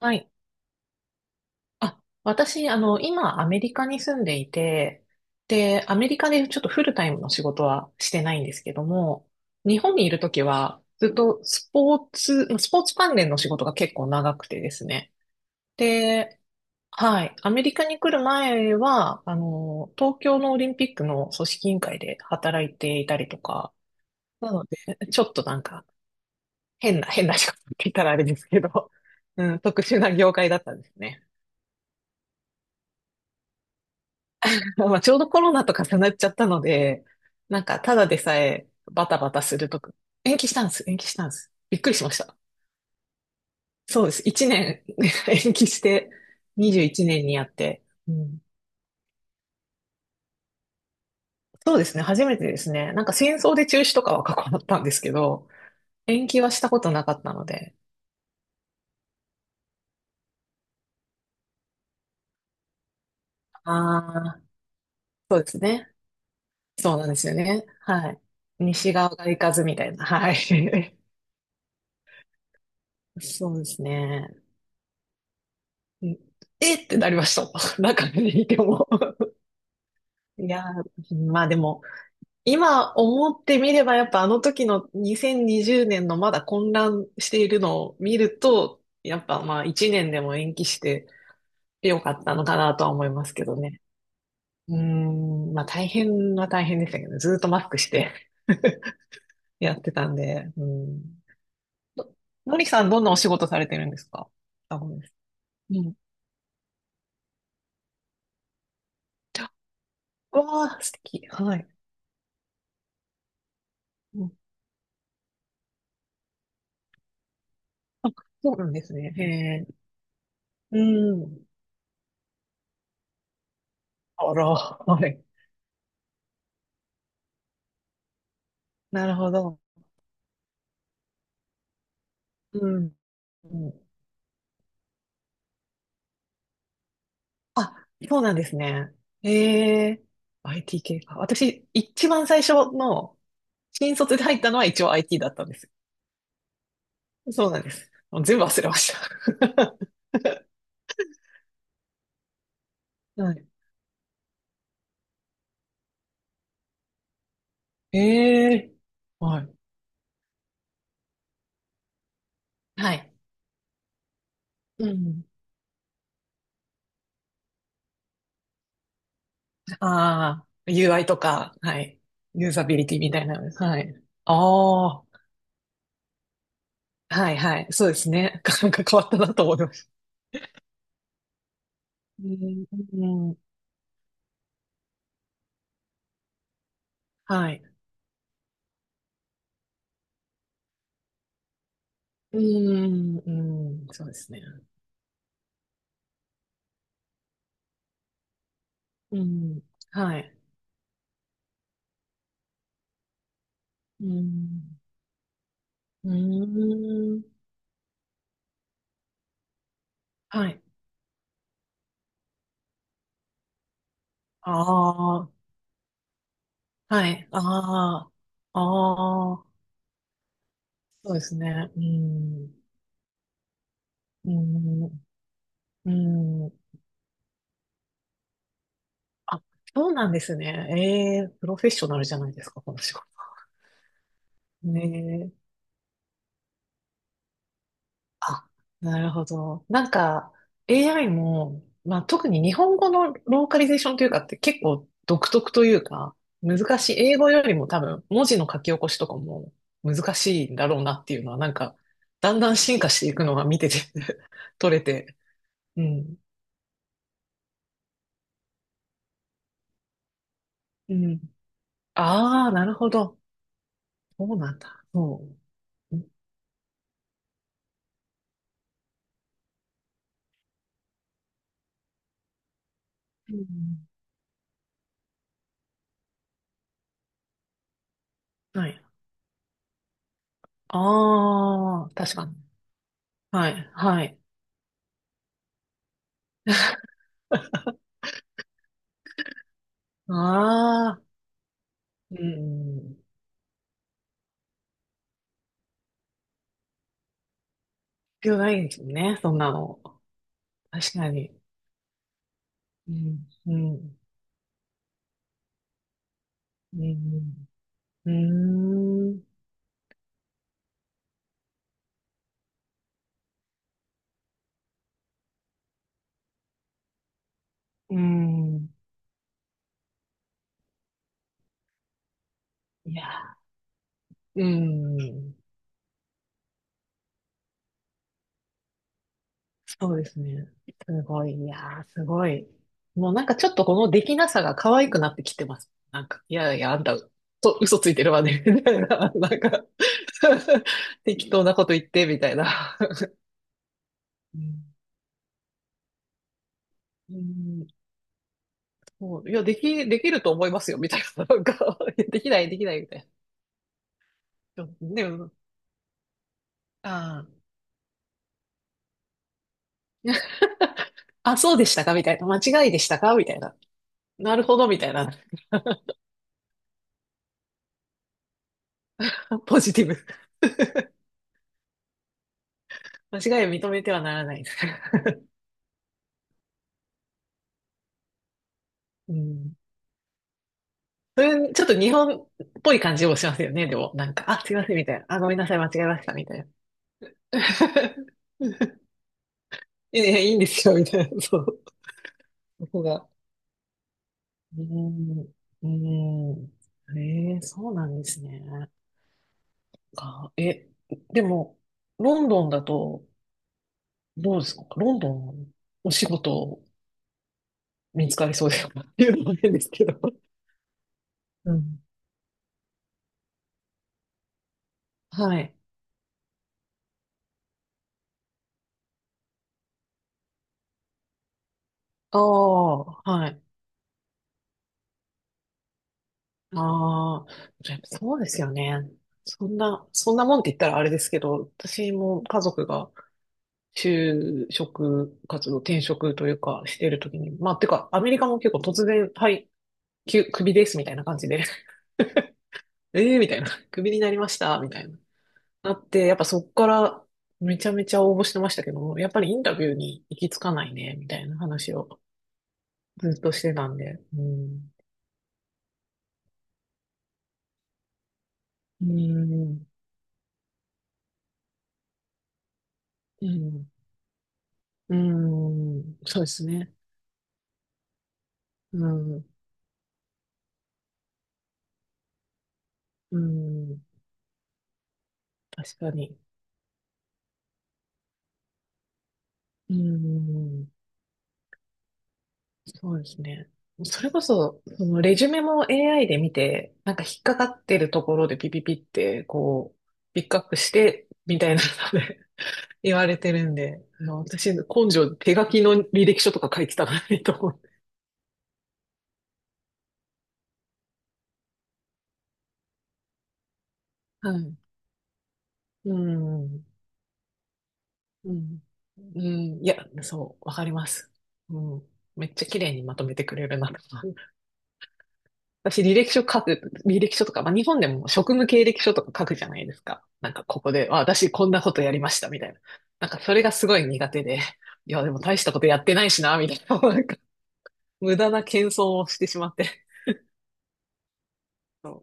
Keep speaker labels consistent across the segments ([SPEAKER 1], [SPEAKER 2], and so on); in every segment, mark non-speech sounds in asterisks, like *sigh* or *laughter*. [SPEAKER 1] はい。私、今、アメリカに住んでいて、で、アメリカでちょっとフルタイムの仕事はしてないんですけども、日本にいるときは、ずっとスポーツ関連の仕事が結構長くてですね。で、はい。アメリカに来る前は、東京のオリンピックの組織委員会で働いていたりとか、なので、ちょっと変な仕事って言ったらあれですけど、うん、特殊な業界だったんですね。*laughs* まあ、ちょうどコロナと重なっちゃったので、なんか、ただでさえバタバタするとか、延期したんです。びっくりしました。そうです。1年 *laughs* 延期して、21年にやって、うん。そうですね、初めてですね。なんか戦争で中止とかは過去だったんですけど、延期はしたことなかったので。ああ、そうですね。そうなんですよね。はい。西側が行かずみたいな。はい。*laughs* そうですね。うん、えってなりました。*laughs* 中にいても。いやー、まあでも、今思ってみればやっぱあの時の2020年のまだ混乱しているのを見ると、やっぱまあ1年でも延期してよかったのかなとは思いますけどね。うーん、まあ大変は大変でしたけどね、ずーっとマスクして *laughs* やってたんで、うん。ののりさんどんなお仕事されてるんですか？あ、ごめんなさい。うん。うわあ、素敵。はい。うん、そうなんですね。へえ。うん。あら、はい。なるほど。うん。うん、あ、そうなんですね。ええ、 IT 系か。私、一番最初の、新卒で入ったのは一応 IT だったんですよ。そうなんです。もう全部忘れました。*laughs* はい。ええ、はい。はい。うん。ああ、UI とか、はい。ユーザビリティみたいなの。はい。ああ、はいはい。そうですね。*laughs* なんか変わったなと思いました。うん、うん、はい。うん、うん、そうですね。うん。はい。うん。うーん。はい。ああ。はい。ああ。ああ。そうですね。うん。うん。うん。あ、そうなんですね。ええプロフェッショナルじゃないですか、この仕事。ね、あ、なるほど。AI も、まあ、特に日本語のローカリゼーションというかって結構独特というか、難しい。英語よりも多分、文字の書き起こしとかも難しいんだろうなっていうのは、なんか、だんだん進化していくのが見てて *laughs* 取れて。うん。うん。ああ、なるほど。そうなんだ。そう。うん。はい。ああ、確かに。はい。はい。ああ、うん。必要ないですよね、そんなの。確かに。うん、うん、うん、うん、うーん、うん、いや、うん、そうですね。すごい、いやー、すごい。もうなんかちょっとこのできなさが可愛くなってきてます。なんか、いやいや、あんた、と、嘘ついてるわね、みたいな。なんか *laughs* 適当なこと言って、みたいな。うん、うん、そう、いや、できると思いますよ、みたいな。なんか、いやできない、できない、みたいな。でもね、ああ。*laughs* あ、そうでしたかみたいな。間違いでしたかみたいな。なるほどみたいな。*laughs* ポジティブ。間違いを認めてはならない。*laughs* うん。それ、ちょっと日本っぽい感じもしますよね。でも、なんか、あ、すいません、みたいな。あ、ごめんなさい、間違えました、みたいな。*laughs* いやいや、いいんですよ、みたいな。そう。そこが。うーん。うーん。ええ、そうなんですね。か、え、でも、ロンドンだと、どうですかロンドン、お仕事見つかりそうですかっていうのも変ですけど。うん。はい。ああ、はい。ああ、でもそうですよね。そんなもんって言ったらあれですけど、私も家族が就職活動、転職というかしてるときに、まあ、てか、アメリカも結構突然、はい、きゅ、クビですみたいな感じで、*laughs* ええみたいな、クビになりましたみたいな。なって、やっぱそっからめちゃめちゃ応募してましたけど、やっぱりインタビューに行き着かないね、みたいな話をずっとしてたんで。うん。うん、うん、うん、そうですね。うん、うん、確かに。うん、そうですね。それこそ、そのレジュメも AI で見て、なんか引っかかってるところでピピピって、こう、ピックアップして、みたいなので *laughs* 言われてるんで、あの私、根性、手書きの履歴書とか書いてたからいいと思って。はい。うん。うん。うん。いや、そう、わかります。うん。めっちゃ綺麗にまとめてくれるなとか。*laughs* 私、履歴書書く、履歴書とか、まあ、日本でも職務経歴書とか書くじゃないですか。なんか、ここで、あ、私こんなことやりました、みたいな。なんか、それがすごい苦手で、いや、でも大したことやってないしな、みたいな。*laughs* なんか、無駄な謙遜をしてしまって。そ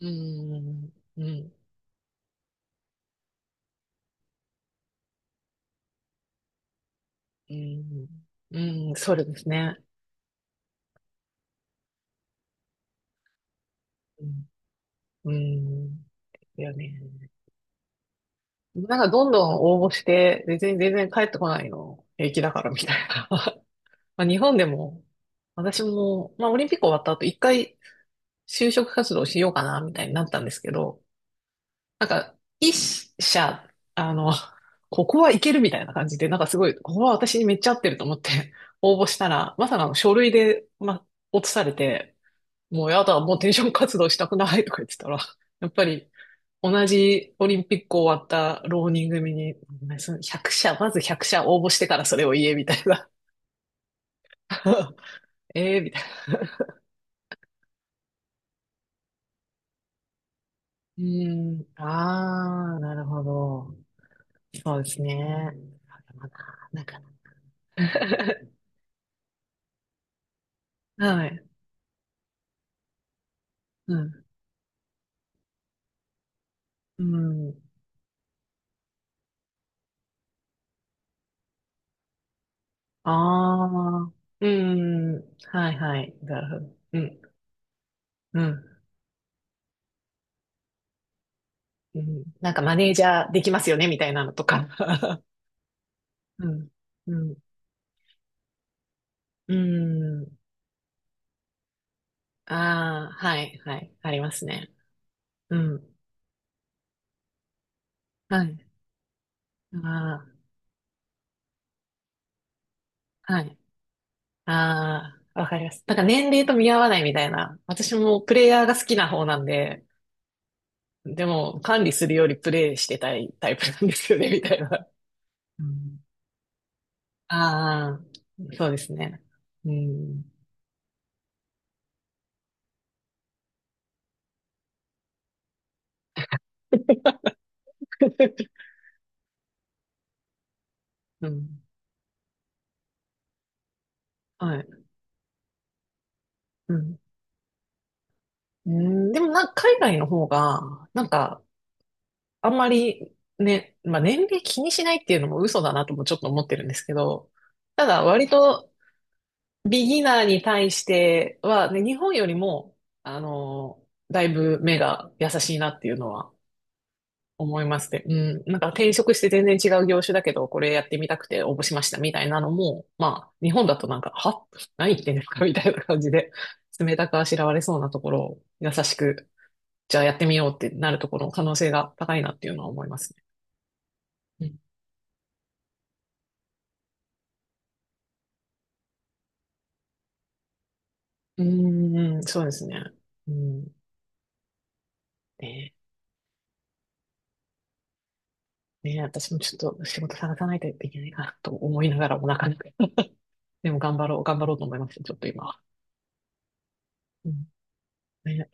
[SPEAKER 1] う。うん。うん。うん。うん。そうですね。うん。うん。ですよね。なんかどんどん応募して、別に全然帰ってこないの平気だからみたいな。*laughs* まあ日本でも、私も、まあオリンピック終わった後一回就職活動しようかなみたいになったんですけど、なんか一社、あの、*laughs* ここはいけるみたいな感じで、なんかすごい、ここは私にめっちゃ合ってると思って応募したら、まさかの書類で、まあ、落とされて、もうやだ、もう転職活動したくないとか言ってたら、やっぱり同じオリンピック終わった浪人組に、その100社、まず100社応募してからそれを言え、みたいな。*laughs* ええ、みたいな。*laughs* うーん、ああ、なるほど。そうですね。あでもな、なんか、*laughs* はい。うん。うん。ああ。うん。はいはい。なるほど。うん。うん。うん。なんかマネージャーできますよねみたいなのとか。*laughs* うん。*laughs* うん。うん。ああ、はい、はい、ありますね。うん。はい。ああ、はい。ああ、わかります。なんか年齢と見合わないみたいな。私もプレイヤーが好きな方なんで、でも管理するよりプレイしてたいタイプなんですよね、みたいな。うん。ああ、そうですね。うん。*laughs* うん。はい。うん。うん、でもなんか海外の方が、なんかあんまりね、まあ、年齢気にしないっていうのも嘘だなともちょっと思ってるんですけど、ただ割とビギナーに対しては、ね、日本よりも、あの、だいぶ目が優しいなっていうのは思いますね。うん。なんか転職して全然違う業種だけど、これやってみたくて応募しましたみたいなのも、まあ、日本だとなんか、は、何言ってんですかみたいな感じで、冷たくあしらわれそうなところを優しく、じゃあやってみようってなるところの可能性が高いなっていうのは思いますね。うーん、そうですね。うん。ね、ね、私もちょっと仕事探さないといけないなと思いながらもなかなか。*laughs* でも頑張ろうと思います。ちょっと今。うん。ね